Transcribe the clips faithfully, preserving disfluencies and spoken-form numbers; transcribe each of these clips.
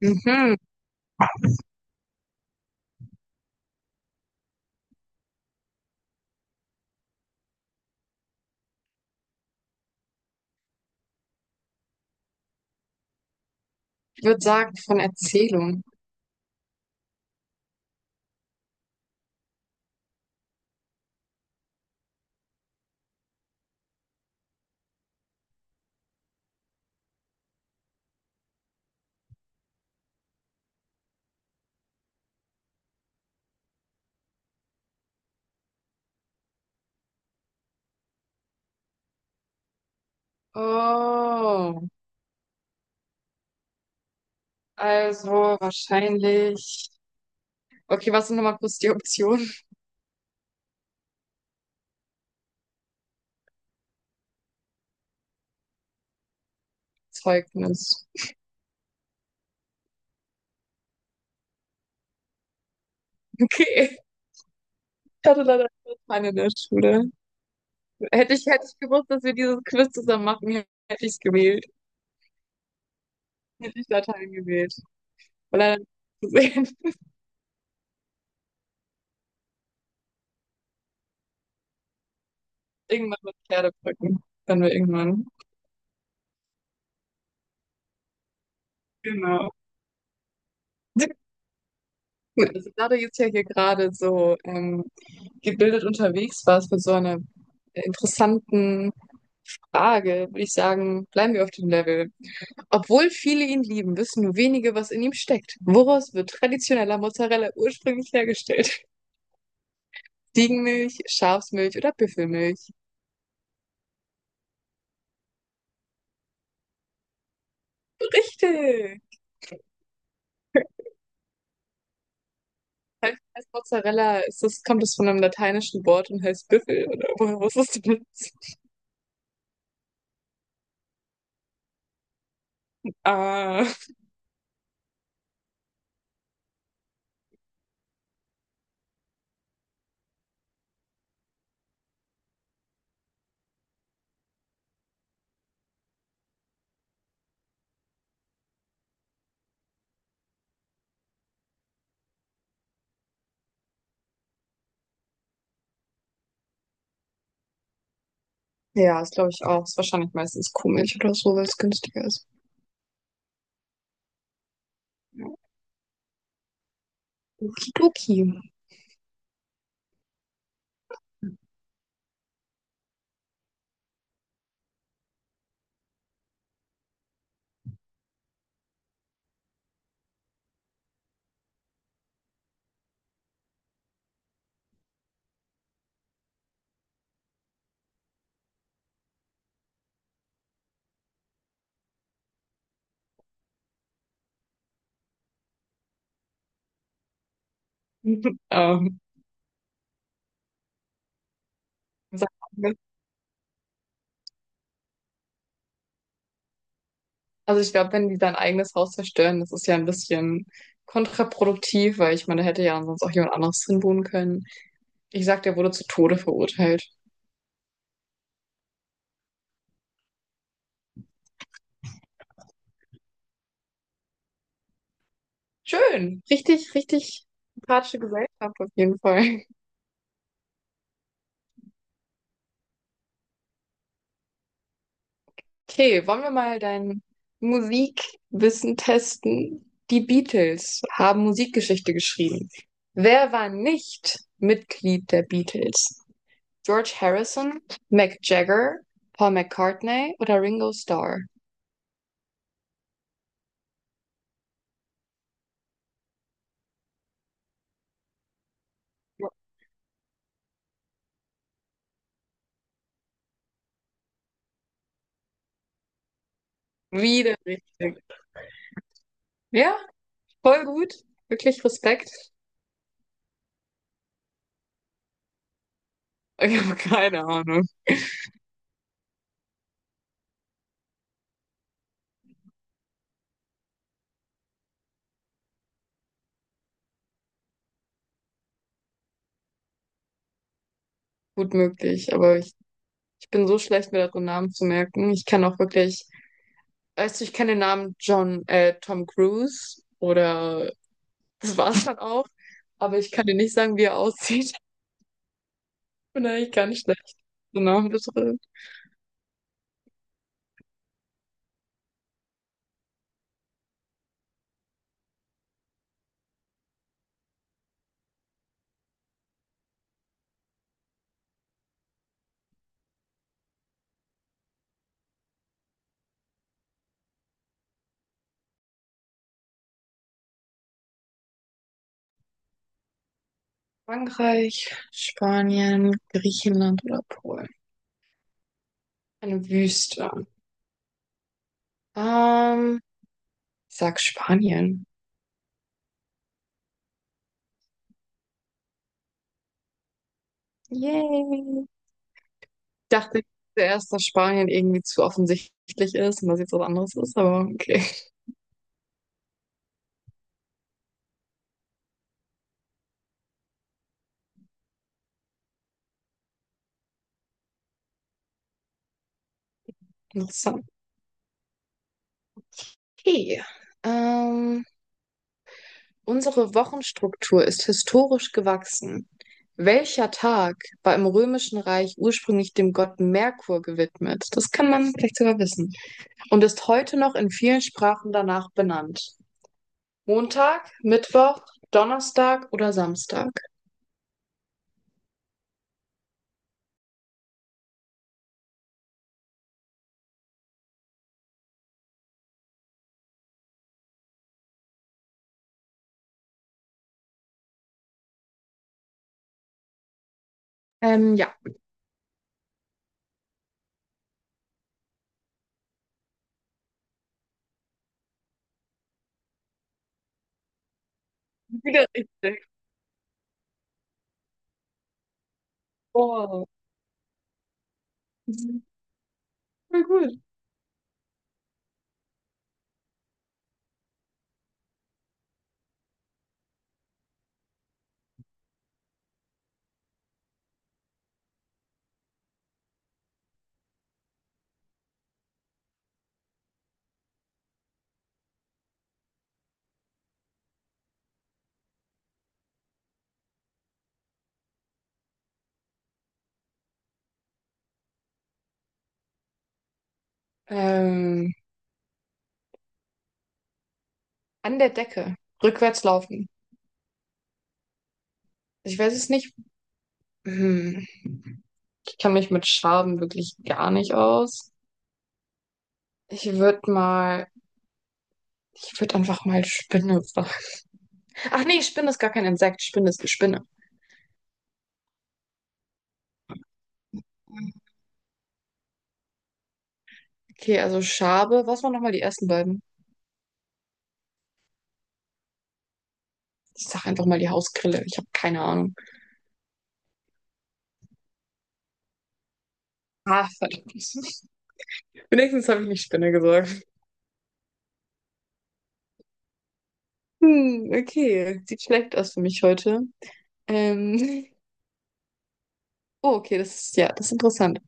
Mhm. Ich würde sagen, von Erzählung. Oh, also wahrscheinlich. Okay, was sind nochmal kurz die Optionen? Zeugnis. Okay. Ich hatte leider keine in der Schule. Hätte ich, hätte ich gewusst, dass wir dieses Quiz zusammen machen, hätte ich es gewählt. Hätte ich Latein gewählt. Weil leider nicht gesehen, irgendwann mit Pferdebrücken. Dann wir irgendwann. Genau. Gut, also da du jetzt ja hier gerade so ähm, gebildet unterwegs warst mit so einer interessanten Frage, würde ich sagen, bleiben wir auf dem Level. Obwohl viele ihn lieben, wissen nur wenige, was in ihm steckt. Woraus wird traditioneller Mozzarella ursprünglich hergestellt? Ziegenmilch, Schafsmilch oder Büffelmilch? Richtig! Als Mozzarella ist das, kommt es von einem lateinischen Wort und heißt Büffel, oder woher wusstest du das? Ah, ja, ist glaube ich auch. Ist wahrscheinlich meistens Kuhmilch oder so, weil es günstiger ist. Ja. Okidoki. Ähm, sag mal, also ich glaube, wenn die sein eigenes Haus zerstören, das ist ja ein bisschen kontraproduktiv, weil ich meine, da hätte ja sonst auch jemand anderes drin wohnen können. Ich sag, der wurde zu Tode verurteilt. Schön. Richtig, richtig sympathische Gesellschaft auf jeden Fall. Okay, wollen wir mal dein Musikwissen testen? Die Beatles haben Musikgeschichte geschrieben. Wer war nicht Mitglied der Beatles? George Harrison, Mick Jagger, Paul McCartney oder Ringo Starr? Wieder richtig. Ja, voll gut. Wirklich Respekt. Ich habe keine Ahnung. Gut möglich, aber ich, ich bin so schlecht, mir darin Namen zu merken. Ich kann auch wirklich, weißt du, ich kenne den Namen John, äh, Tom Cruise oder das war's dann auch, aber ich kann dir nicht sagen, wie er aussieht. Ich bin eigentlich ganz schlecht. So Namen bitte. Frankreich, Spanien, Griechenland oder Polen. Eine Wüste. Ähm, ich sag Spanien. Yay. Ich dachte zuerst, dass Spanien irgendwie zu offensichtlich ist und dass jetzt was anderes ist, aber okay. Interessant. Okay. Ähm, unsere Wochenstruktur ist historisch gewachsen. Welcher Tag war im Römischen Reich ursprünglich dem Gott Merkur gewidmet? Das kann man vielleicht sogar wissen. Und ist heute noch in vielen Sprachen danach benannt. Montag, Mittwoch, Donnerstag oder Samstag? Ähm, ja. Wieder richtig. Oh, das ist voll gut. Ähm, an der Decke. Rückwärts laufen. Ich weiß es nicht. Hm. Ich kann mich mit Schaben wirklich gar nicht aus. Ich würde mal, ich würde einfach mal Spinne sagen. Ach nee, Spinne ist gar kein Insekt. Spinne ist eine Spinne. Okay, also Schabe. Was waren nochmal die ersten beiden? Ich sag einfach mal die Hausgrille. Ich habe keine Ahnung. Ah, verdammt. Wenigstens habe ich nicht Spinne gesagt. Hm, okay. Sieht schlecht aus für mich heute. Ähm. Oh, okay, das ist ja, das ist interessant.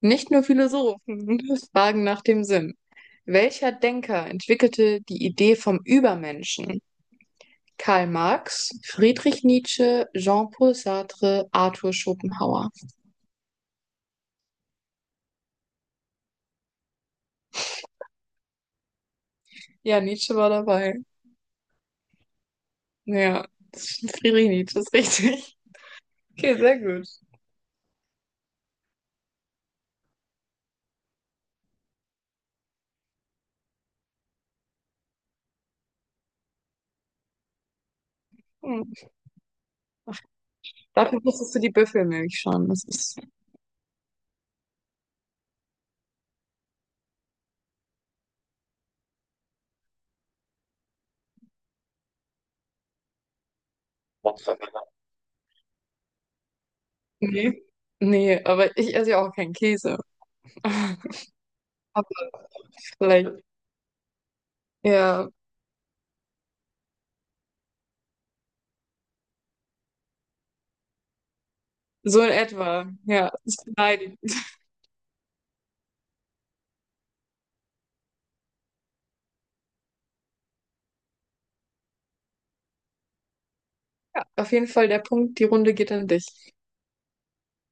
Nicht nur Philosophen fragen nach dem Sinn. Welcher Denker entwickelte die Idee vom Übermenschen? Karl Marx, Friedrich Nietzsche, Jean-Paul Sartre, Arthur Schopenhauer. Ja, Nietzsche war dabei. Ja, das ist, Friedrich Nietzsche ist richtig. Okay, sehr gut. Hm. Dafür wusstest du die Büffelmilch schon. Das ist. Nee. Nee, aber ich esse ja auch keinen Käse. Aber vielleicht. Ja. So in etwa, ja. Ist beleidigend. Auf jeden Fall der Punkt, die Runde geht an dich.